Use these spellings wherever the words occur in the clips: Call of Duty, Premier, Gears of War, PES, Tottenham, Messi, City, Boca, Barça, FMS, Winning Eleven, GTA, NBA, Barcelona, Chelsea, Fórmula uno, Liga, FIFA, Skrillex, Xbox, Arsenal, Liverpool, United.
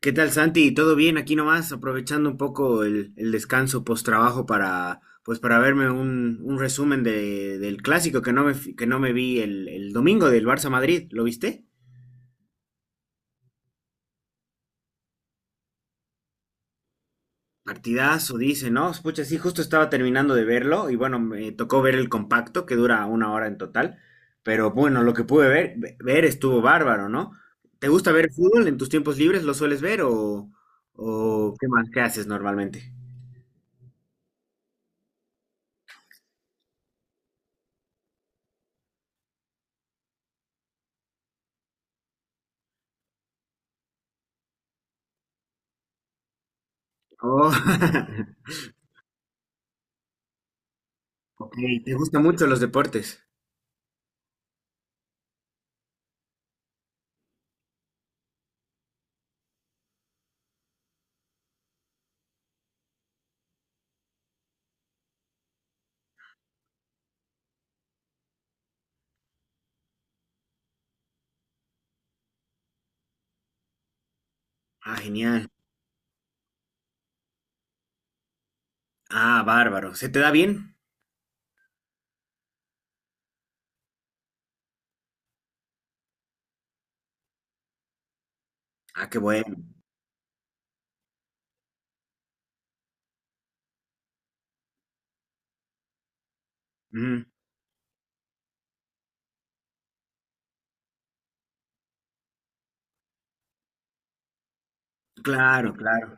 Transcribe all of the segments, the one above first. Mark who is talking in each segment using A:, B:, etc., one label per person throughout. A: ¿Qué tal, Santi? ¿Todo bien aquí nomás? Aprovechando un poco el descanso post trabajo para, pues, para verme un resumen del clásico que no que no me vi el domingo del Barça Madrid. ¿Lo viste? Partidazo, dice, ¿no? Pucha, sí, justo estaba terminando de verlo y bueno, me tocó ver el compacto que dura una hora en total. Pero bueno, lo que pude ver estuvo bárbaro, ¿no? ¿Te gusta ver fútbol en tus tiempos libres? ¿Lo sueles ver o qué más? ¿Qué haces normalmente? Oh. Ok. ¿Te gustan mucho los deportes? Ah, genial. Ah, bárbaro. ¿Se te da bien? Ah, qué bueno. Ujú. Claro, claro.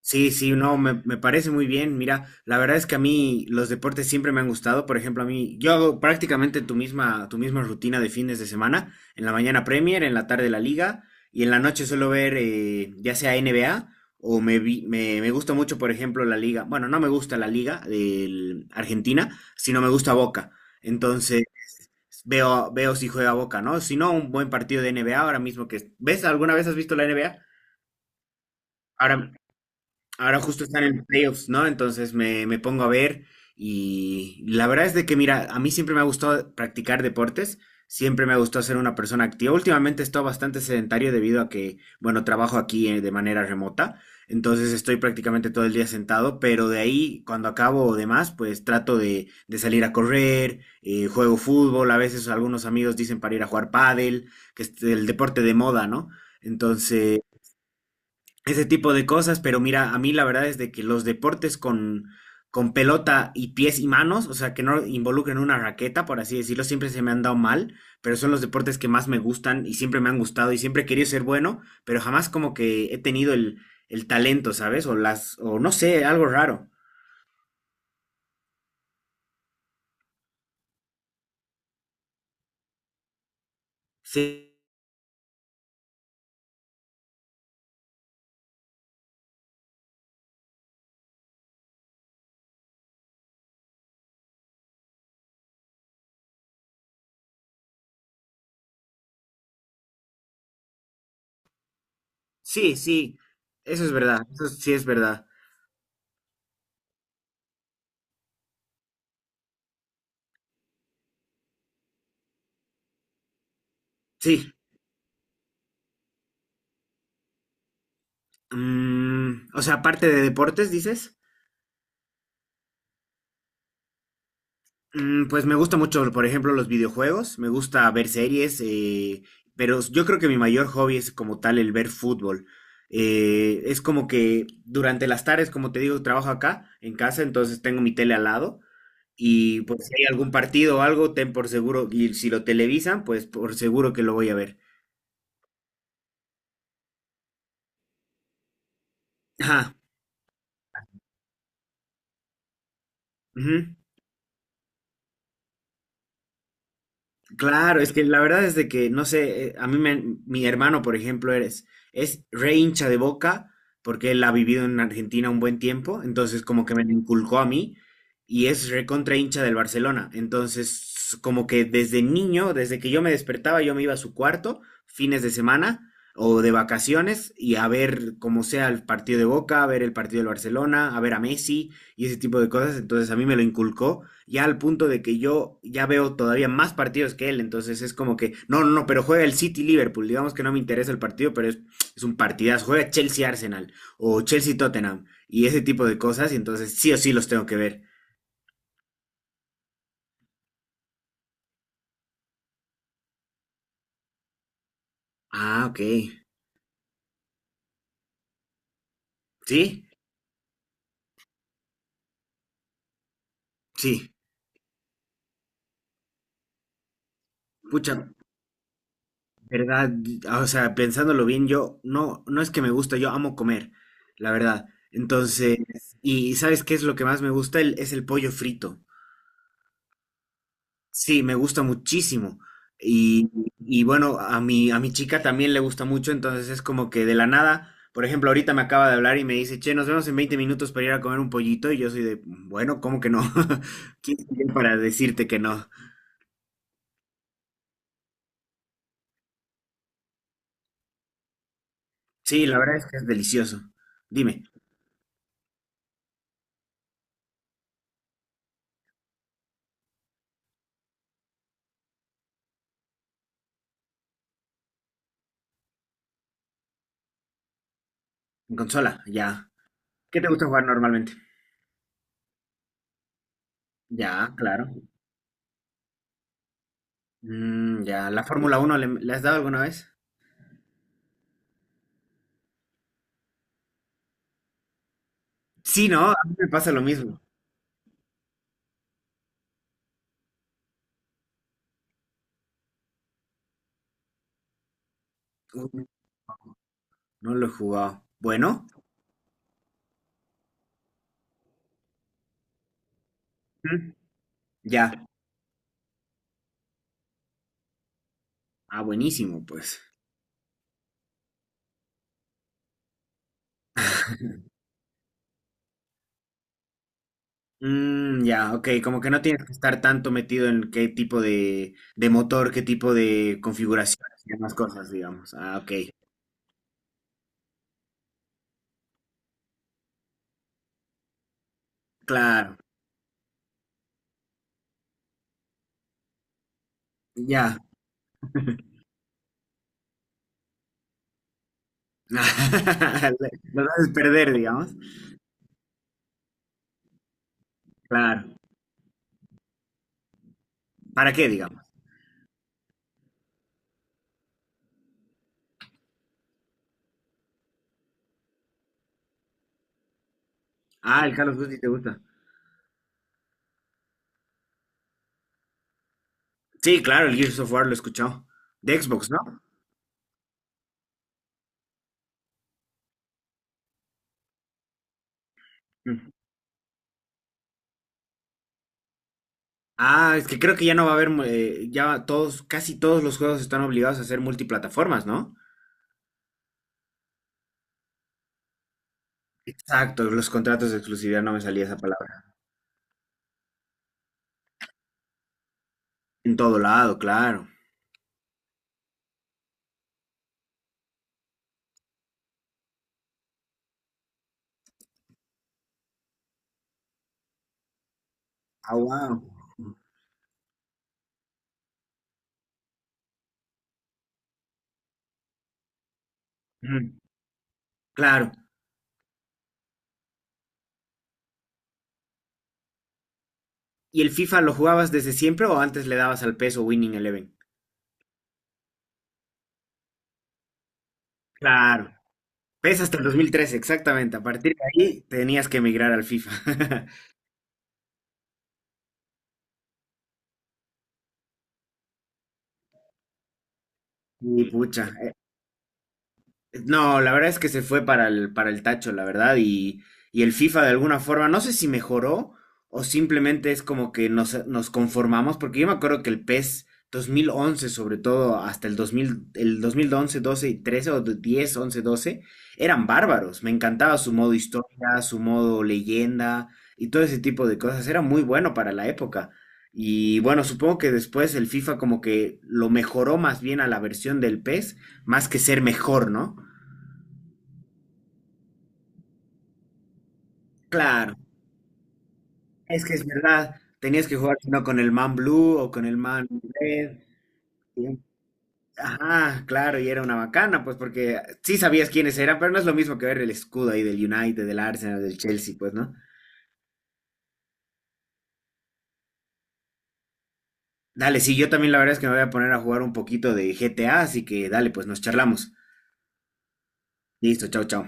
A: Sí, sí, no, me parece muy bien. Mira, la verdad es que a mí los deportes siempre me han gustado. Por ejemplo, a mí, yo hago prácticamente tu misma rutina de fines de semana. En la mañana Premier, en la tarde la Liga y en la noche suelo ver ya sea NBA o me, vi- me gusta mucho, por ejemplo, la Liga. Bueno, no me gusta la Liga de Argentina, sino me gusta Boca. Entonces, veo, veo si juega Boca, ¿no? Si no, un buen partido de NBA ahora mismo que... ¿Ves? ¿Alguna vez has visto la NBA? Ahora Ahora justo están en playoffs, ¿no? Entonces me pongo a ver y la verdad es de que, mira, a mí siempre me ha gustado practicar deportes, siempre me ha gustado ser una persona activa. Últimamente he estado bastante sedentario debido a que, bueno, trabajo aquí de manera remota, entonces estoy prácticamente todo el día sentado, pero de ahí, cuando acabo o demás, pues trato de salir a correr, juego fútbol, a veces algunos amigos dicen para ir a jugar pádel, que es el deporte de moda, ¿no? Ese tipo de cosas, pero mira, a mí la verdad es de que los deportes con pelota y pies y manos, o sea, que no involucren una raqueta, por así decirlo, siempre se me han dado mal, pero son los deportes que más me gustan y siempre me han gustado y siempre he querido ser bueno, pero jamás como que he tenido el talento, ¿sabes? O las, o no sé, algo raro. Sí, sí, sí, eso es verdad, eso sí es verdad. Sí. O sea, aparte de deportes, dices. Mm, pues me gusta mucho, por ejemplo, los videojuegos, me gusta ver series, pero yo creo que mi mayor hobby es como tal el ver fútbol. Es como que durante las tardes, como te digo, trabajo acá en casa, entonces tengo mi tele al lado y pues si hay algún partido o algo, ten por seguro, y si lo televisan, pues por seguro que lo voy a ver. Ajá. Ujú. Claro, es que la verdad es de que, no sé, mi hermano, por ejemplo, eres, es re hincha de Boca porque él ha vivido en Argentina un buen tiempo, entonces como que me lo inculcó a mí y es re contra hincha del Barcelona. Entonces, como que desde niño, desde que yo me despertaba, yo me iba a su cuarto, fines de semana o de vacaciones y a ver como sea el partido de Boca, a ver el partido del Barcelona, a ver a Messi y ese tipo de cosas. Entonces a mí me lo inculcó ya al punto de que yo ya veo todavía más partidos que él, entonces es como que, no, no, no, pero juega el City Liverpool, digamos que no me interesa el partido, pero es un partidazo, juega Chelsea Arsenal o Chelsea Tottenham y ese tipo de cosas, y entonces sí o sí los tengo que ver. Ah, ok. ¿Sí? Sí. Pucha, verdad, o sea, pensándolo bien, yo no, no es que me gusta, yo amo comer, la verdad. Entonces, y ¿sabes qué es lo que más me gusta? Es el pollo frito. Sí, me gusta muchísimo. Y, y bueno, a a mi chica también le gusta mucho, entonces es como que de la nada, por ejemplo, ahorita me acaba de hablar y me dice, che, nos vemos en 20 minutos para ir a comer un pollito, y yo soy de, bueno, ¿cómo que no? ¿Quién soy yo para decirte que no? Sí, la verdad es que es delicioso. Dime, en consola, ya. ¿Qué te gusta jugar normalmente? Ya, claro. Mm, ya, ¿la Fórmula uno le has dado alguna vez? Sí, no, a mí me pasa lo mismo. Uy, no lo he jugado. Bueno, ujú, ya. Ah, buenísimo, pues. Mm, ya, ok, como que no tienes que estar tanto metido en qué tipo de motor, qué tipo de configuraciones y demás cosas, digamos. Ah, ok, claro, ya. Lo vas a perder, digamos. Claro. ¿Para qué, digamos? Ah, el Call of Duty te gusta. Sí, claro, el Gears of War lo he escuchado. De Xbox, ¿no? Mm. Ah, es que creo que ya no va a haber, ya todos, casi todos los juegos están obligados a ser multiplataformas, ¿no? Exacto, los contratos de exclusividad, no me salía esa palabra. En todo lado, claro. Ah, wow. Mm. Claro. ¿Y el FIFA lo jugabas desde siempre o antes le dabas al PES o Winning Eleven? Claro. PES hasta el 2013, exactamente. A partir de ahí tenías que emigrar al FIFA. Y pucha, no, la verdad es que se fue para para el tacho, la verdad, y el FIFA de alguna forma, no sé si mejoró o simplemente es como que nos conformamos, porque yo me acuerdo que el PES 2011, sobre todo hasta el 2000, el 2011, 12 y 13 o 10, 11, 12, eran bárbaros. Me encantaba su modo historia, su modo leyenda y todo ese tipo de cosas. Era muy bueno para la época. Y bueno, supongo que después el FIFA como que lo mejoró más bien a la versión del PES, más que ser mejor, ¿no? Claro, es que es verdad. Tenías que jugar sino con el man blue o con el man red. Y- Ajá, claro, y era una bacana, pues porque sí sabías quiénes eran, pero no es lo mismo que ver el escudo ahí del United, del Arsenal, del Chelsea, pues, ¿no? Dale, sí, yo también la verdad es que me voy a poner a jugar un poquito de GTA, así que dale, pues nos charlamos. Listo, chao, chao.